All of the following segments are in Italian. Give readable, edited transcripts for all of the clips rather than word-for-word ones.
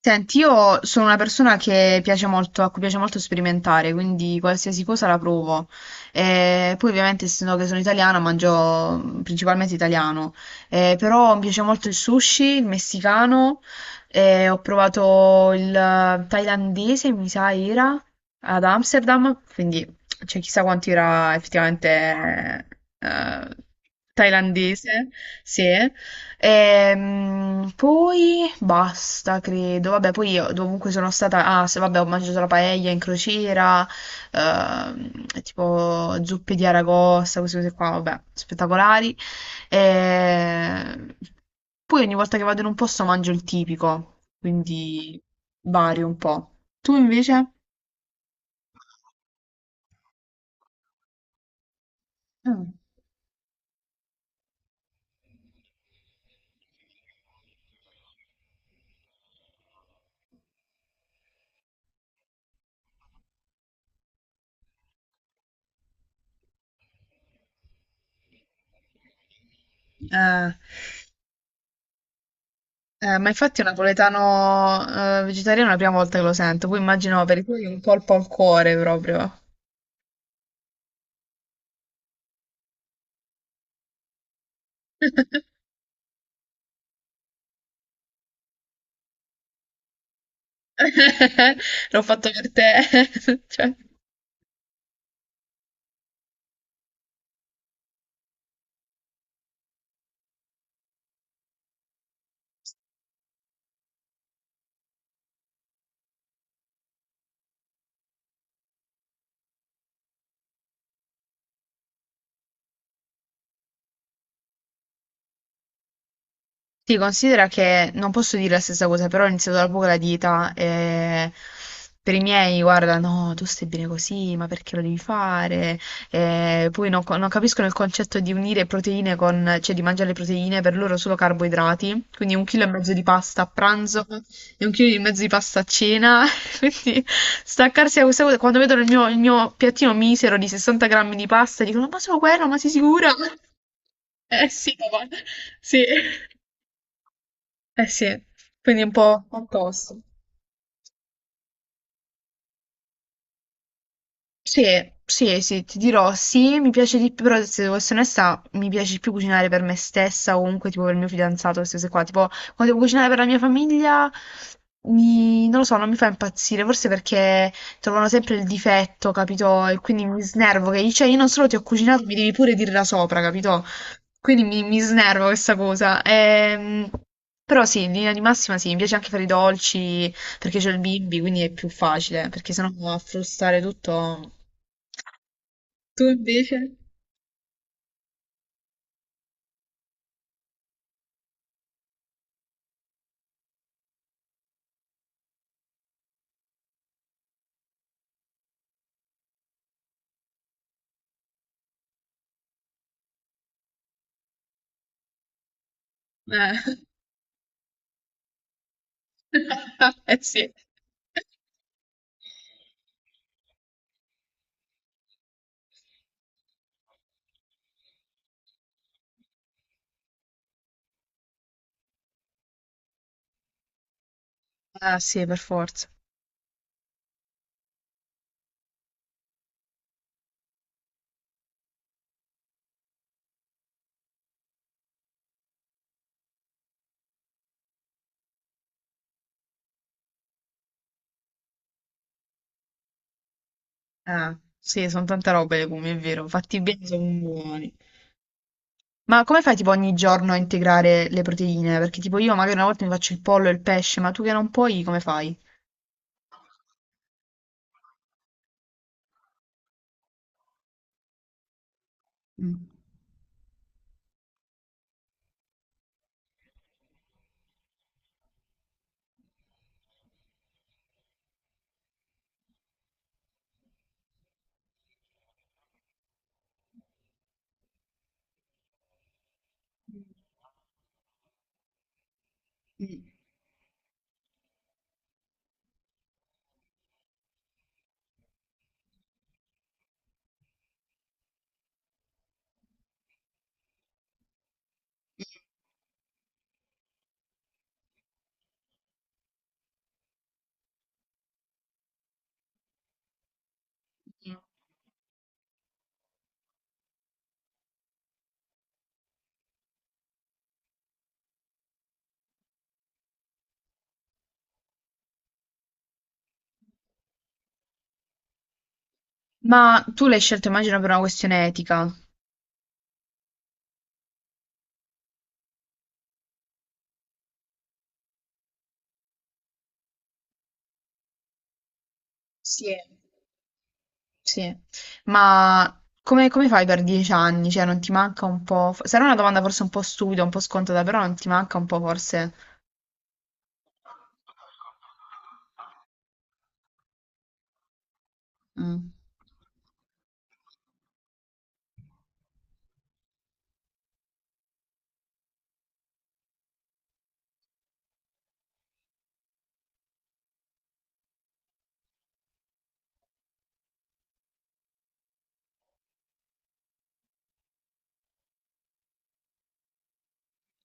Senti, io sono una persona che piace molto, a cui piace molto sperimentare, quindi qualsiasi cosa la provo. E poi ovviamente, essendo che sono italiana, mangio principalmente italiano. Però mi piace molto il sushi, il messicano, ho provato il thailandese, mi sa era, ad Amsterdam, quindi c'è chissà quanto era effettivamente eh, thailandese, sì. Poi basta, credo. Vabbè, poi io dovunque sono stata. Ah, se vabbè, ho mangiato la paella in crociera, tipo zuppe di aragosta, queste cose qua, vabbè, spettacolari. Ehm, poi ogni volta che vado in un posto mangio il tipico, quindi vario un po'. Tu invece? Mm. Eh, ma infatti è un napoletano vegetariano è la prima volta che lo sento, poi immagino per i tuoi un colpo al cuore proprio. L'ho fatto per te. Cioè. Sì, considera che non posso dire la stessa cosa, però ho iniziato da poco la dieta e per i miei, guarda, no, tu stai bene così, ma perché lo devi fare? E poi non, non capiscono il concetto di unire proteine con, cioè di mangiare le proteine, per loro solo carboidrati, quindi un chilo e mezzo di pasta a pranzo e un chilo e mezzo di pasta a cena, quindi staccarsi da questa cosa, quando vedono il mio piattino misero di 60 grammi di pasta, dicono, ma solo quello, ma sei sicura? Eh sì, papà, sì. Eh sì, quindi è un po' opposto. Sì, sì, ti dirò, sì, mi piace di più, però se devo essere onesta, mi piace di più cucinare per me stessa o comunque tipo per il mio fidanzato, queste cose qua. Tipo, quando devo cucinare per la mia famiglia, non lo so, non mi fa impazzire, forse perché trovano sempre il difetto, capito? E quindi mi snervo, che cioè io non solo ti ho cucinato, mi devi pure dirla sopra, capito? Quindi mi snervo questa cosa. Però sì, in linea di massima sì, mi piace anche fare i dolci. Perché c'è il bimbi, quindi è più facile, perché sennò va a frustare tutto. Tu invece? Eh, eh sì. Ah sì, per forza. Ah, sì, sono tante robe le legumi, è vero. Fatti bene, sono buoni. Ma come fai tipo ogni giorno a integrare le proteine? Perché tipo io magari una volta mi faccio il pollo e il pesce, ma tu che non puoi, come fai? Mm. Mm. Ma tu l'hai scelto, immagino, per una questione etica. Sì. Sì, ma come fai per 10 anni? Cioè, non ti manca un po'? Sarà una domanda forse un po' stupida, un po' scontata, però non ti manca un po' forse... Mm.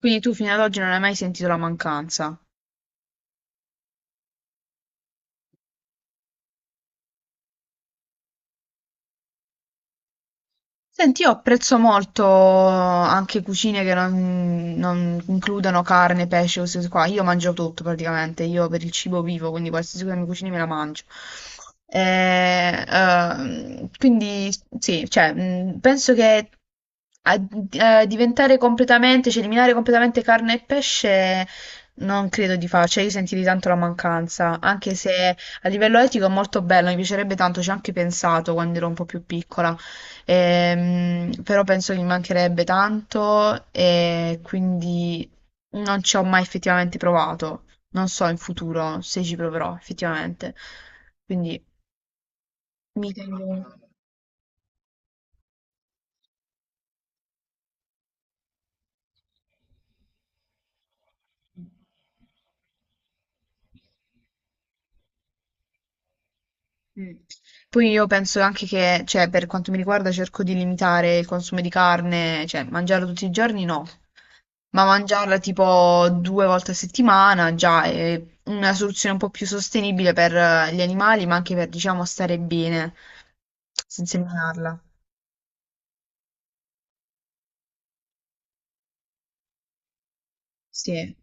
Quindi tu fino ad oggi non hai mai sentito la mancanza? Senti, io apprezzo molto anche cucine che non includono carne, pesce, queste cose qua. Io mangio tutto praticamente, io per il cibo vivo, quindi qualsiasi cosa mi cucini me la mangio. Quindi sì, cioè, penso che a- diventare completamente, cioè eliminare completamente carne e pesce non credo di farci, cioè io sentirei tanto la mancanza, anche se a livello etico è molto bello, mi piacerebbe tanto, ci ho anche pensato quando ero un po' più piccola. Però penso che mi mancherebbe tanto e quindi non ci ho mai effettivamente provato. Non so in futuro se ci proverò effettivamente. Quindi mi tengo. Mm. Poi io penso anche che, cioè, per quanto mi riguarda, cerco di limitare il consumo di carne, cioè, mangiarla tutti i giorni no, ma mangiarla tipo 2 volte a settimana già è una soluzione un po' più sostenibile per gli animali, ma anche per, diciamo, stare bene senza eliminarla. Sì,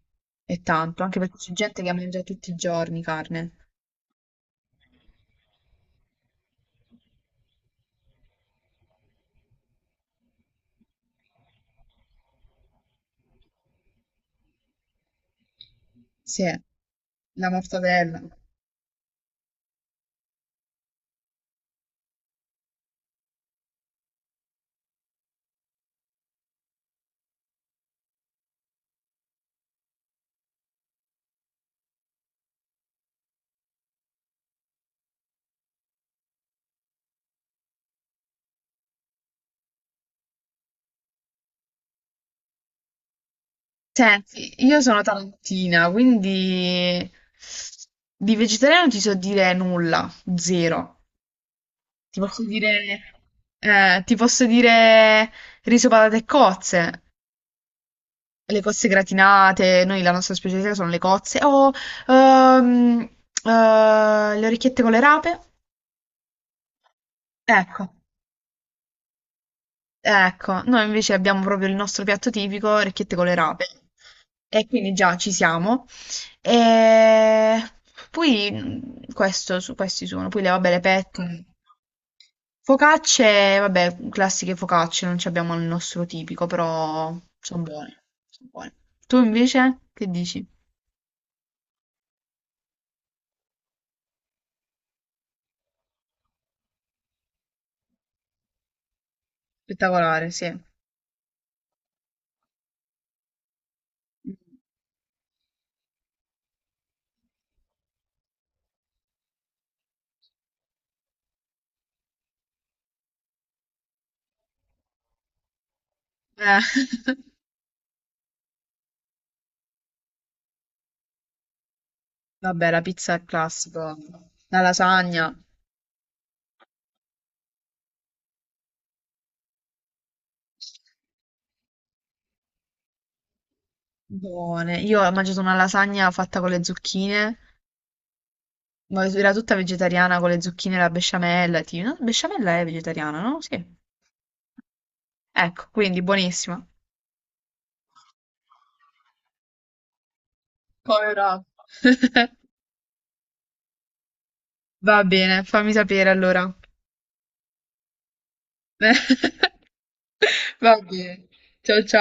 è tanto, anche perché c'è gente che mangia tutti i giorni carne. Sì, la mortadella. Senti, io sono tarantina, quindi di vegetariano ti so dire nulla, zero. Ti posso dire, ti posso dire riso, patate e cozze, le cozze gratinate, noi la nostra specialità sono le cozze, o ehm, le orecchiette con le rape, ecco. Ecco, noi invece abbiamo proprio il nostro piatto tipico, orecchiette con le rape. E quindi già ci siamo. E poi questo, su, questi sono, poi le, vabbè, le pet. Focacce, vabbè, classiche focacce, non ci abbiamo il nostro tipico, però sono buone, sono buone. Tu invece che dici? Spettacolare, sì. Vabbè, la pizza è classico, la lasagna, buone. Io ho mangiato una lasagna fatta con le zucchine. Ma era tutta vegetariana con le zucchine e la besciamella. Tipo. No, besciamella è vegetariana, no? Sì. Ecco, quindi buonissima. Povera. Va bene, fammi sapere allora. Va bene. Ciao ciao.